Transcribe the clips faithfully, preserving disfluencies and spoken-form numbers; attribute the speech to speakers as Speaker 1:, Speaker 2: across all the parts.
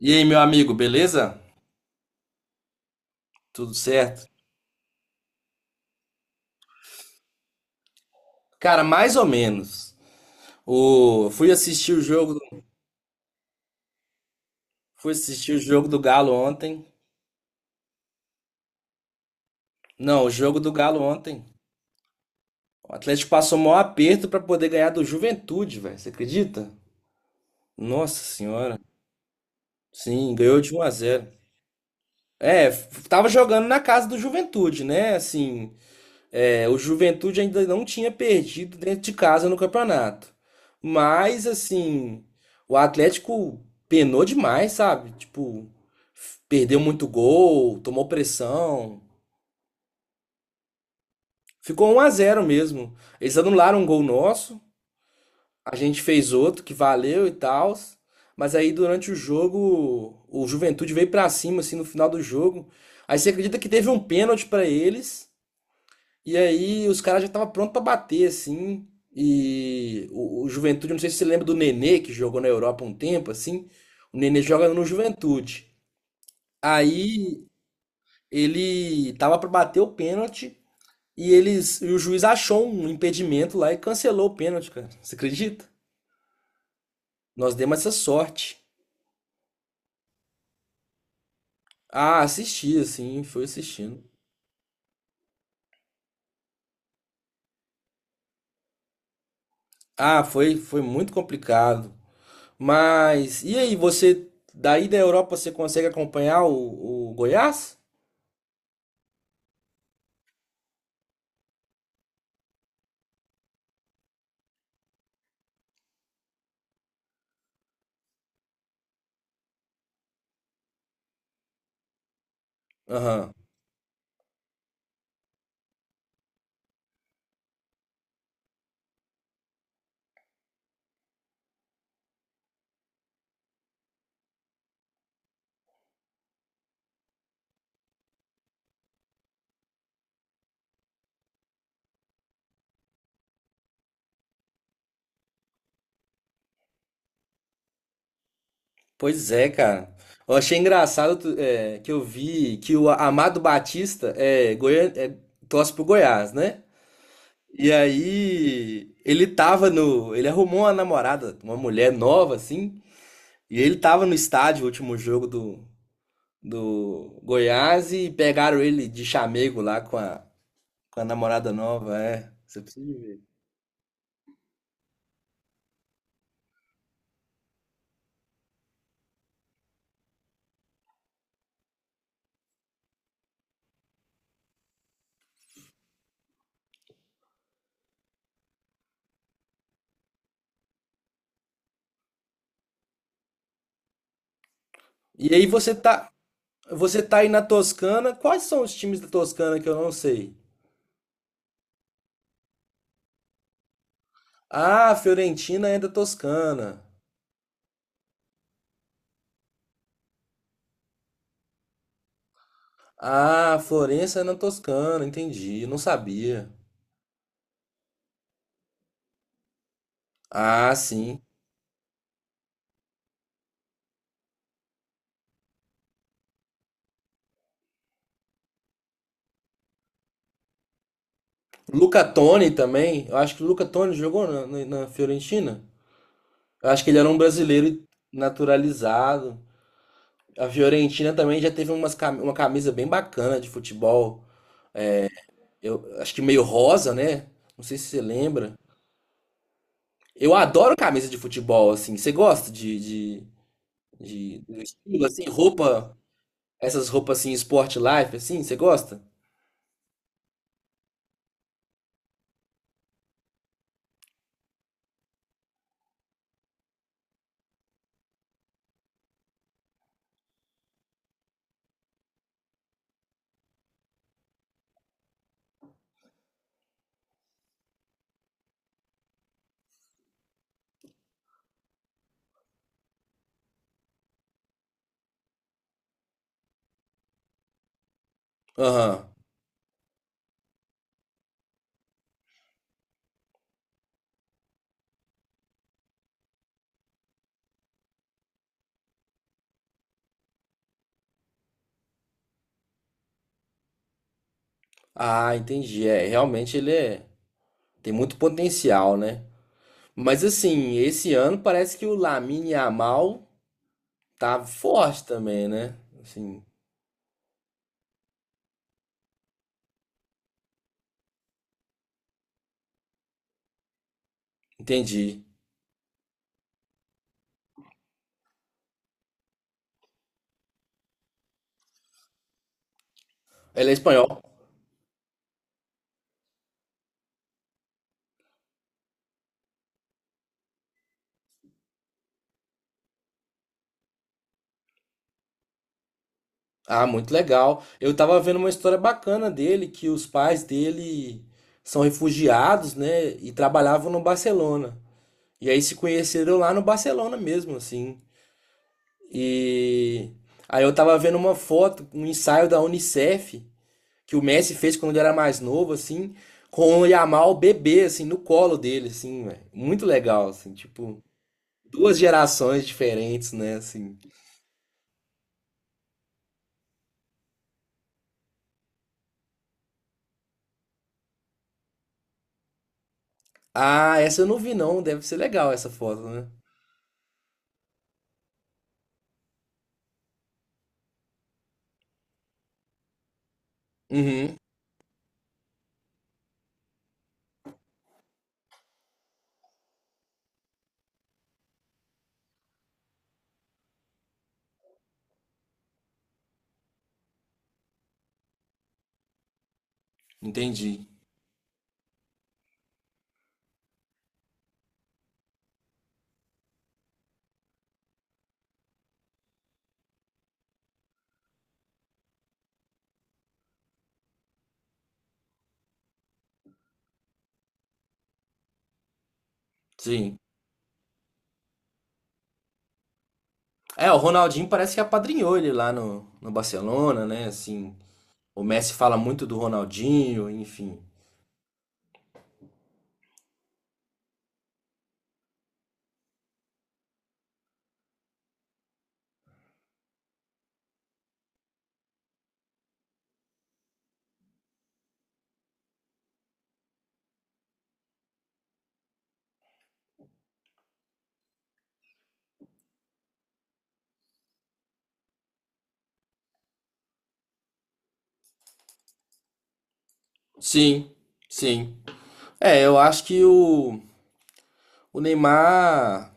Speaker 1: E aí, meu amigo, beleza? Tudo certo? Cara, mais ou menos. O... Fui assistir o jogo, fui assistir o jogo do Galo ontem. Não, o jogo do Galo ontem. O Atlético passou o maior aperto pra poder ganhar do Juventude, velho. Você acredita? Nossa senhora. Sim, ganhou de um a zero. É, f- tava jogando na casa do Juventude, né? Assim, é, o Juventude ainda não tinha perdido dentro de casa no campeonato. Mas, assim, o Atlético penou demais, sabe? Tipo, f- perdeu muito gol, tomou pressão. Ficou um a zero mesmo. Eles anularam um gol nosso, a gente fez outro que valeu e tal. Mas aí durante o jogo, o Juventude veio pra cima assim no final do jogo. Aí você acredita que teve um pênalti pra eles? E aí os caras já estavam prontos pra bater, assim. E o, o Juventude, não sei se você lembra do Nenê, que jogou na Europa um tempo, assim. O Nenê joga no Juventude. Aí ele tava pra bater o pênalti e eles, e o juiz achou um impedimento lá e cancelou o pênalti, cara. Você acredita? Nós demos essa sorte. Ah, assisti, assim, fui assistindo. Ah, foi, foi muito complicado. Mas, e aí, você, daí da Europa, você consegue acompanhar o, o Goiás? Aham. Pois é, cara. Eu achei engraçado tu- é, que eu vi que o Amado Batista é, Goian... é, torce pro Goiás, né? E aí ele tava no. Ele arrumou uma namorada, uma mulher nova, assim. E ele tava no estádio, o último jogo do, do Goiás, e pegaram ele de chamego lá com a, com a namorada nova, é. Você precisa de ver. E aí você tá. Você tá aí na Toscana. Quais são os times da Toscana que eu não sei? Ah, Fiorentina é da Toscana. Ah, Florença é na Toscana, entendi. Não sabia. Ah, sim. Luca Toni também. Eu acho que o Luca Toni jogou na, na- na Fiorentina. Eu acho que ele era um brasileiro naturalizado. A Fiorentina também já teve umas, cam- uma camisa bem bacana de futebol. Eu acho que meio rosa, né? Não sei se você lembra. Eu adoro camisa de futebol, assim. Você gosta de, de, de, do estilo, assim, roupa. Essas roupas assim, sport life, assim, você gosta? Aham. Ah, entendi. É, realmente ele é... tem muito potencial, né? Mas assim, esse ano parece que o Lamine Yamal tá forte também, né? Assim, entendi. Ele é espanhol. Ah, muito legal. Eu tava vendo uma história bacana dele, que os pais dele são refugiados, né? E trabalhavam no Barcelona. E aí se conheceram lá no Barcelona mesmo, assim. E aí eu tava vendo uma foto, um ensaio da Unicef, que o Messi fez quando ele era mais novo, assim, com o Yamal bebê, assim, no colo dele, assim, velho. Muito legal, assim, tipo, duas gerações diferentes, né, assim. Ah, essa eu não vi não, deve ser legal essa foto, né? Uhum, entendi. Sim. É, o Ronaldinho parece que apadrinhou ele lá no, no Barcelona, né, assim. O Messi fala muito do Ronaldinho, enfim. Sim, sim. É, eu acho que o O Neymar,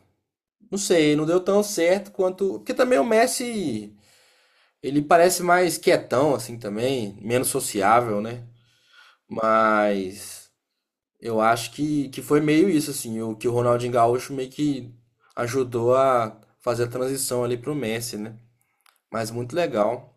Speaker 1: não sei, não deu tão certo quanto. Porque também o Messi, ele parece mais quietão, assim, também, menos sociável, né? Mas eu acho que, que foi meio isso, assim, o que o Ronaldinho Gaúcho meio que ajudou a fazer a transição ali pro Messi, né? Mas muito legal.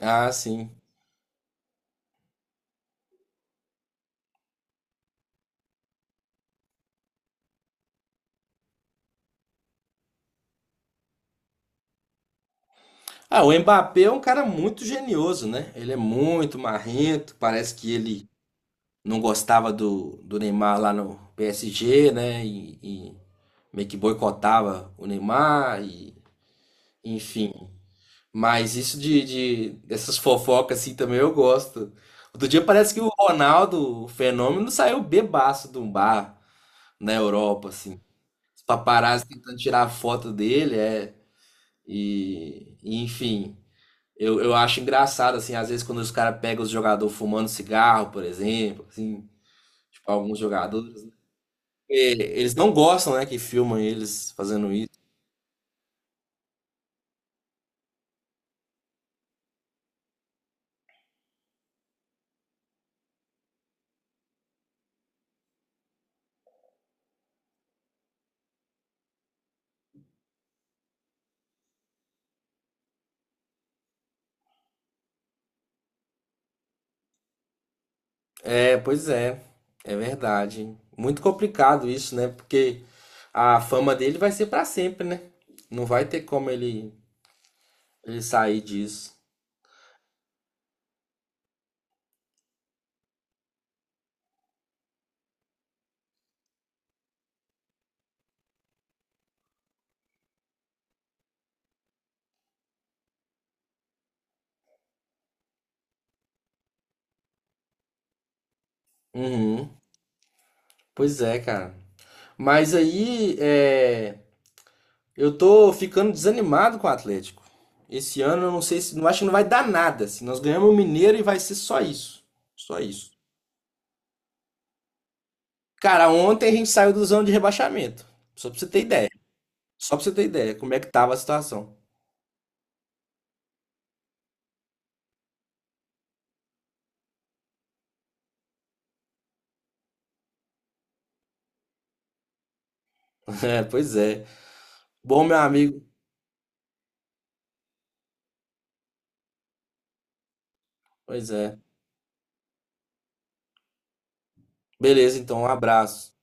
Speaker 1: Ah, sim. Ah, o Mbappé é um cara muito genioso, né? Ele é muito marrento, parece que ele não gostava do, do Neymar lá no P S G, né? E, e meio que boicotava o Neymar, e, enfim. Mas isso de, de- dessas fofocas assim também eu gosto. Outro dia parece que o Ronaldo, o fenômeno, saiu bebaço de um bar na Europa, assim. Os paparazzi tentando tirar foto dele, é. E, e, enfim, eu, eu acho engraçado, assim, às vezes quando os caras pegam os jogadores fumando cigarro, por exemplo, assim, tipo, alguns jogadores. Eles não gostam, né, que filmam eles fazendo isso. É, pois é. É verdade. Muito complicado isso, né? Porque a fama dele vai ser pra sempre, né? Não vai ter como ele, ele sair disso. Uhum. Pois é, cara. Mas aí, é, eu tô ficando desanimado com o Atlético. Esse ano eu não sei se, não acho que não vai dar nada. Se nós ganhamos o Mineiro e vai ser só isso. Só isso. Cara, ontem a gente saiu do zona de rebaixamento. Só pra você ter ideia. Só pra você ter ideia, como é que tava a situação. É, pois é. Bom, meu amigo. Pois é. Beleza, então, um abraço.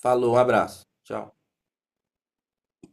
Speaker 1: Falou, um abraço. Tchau.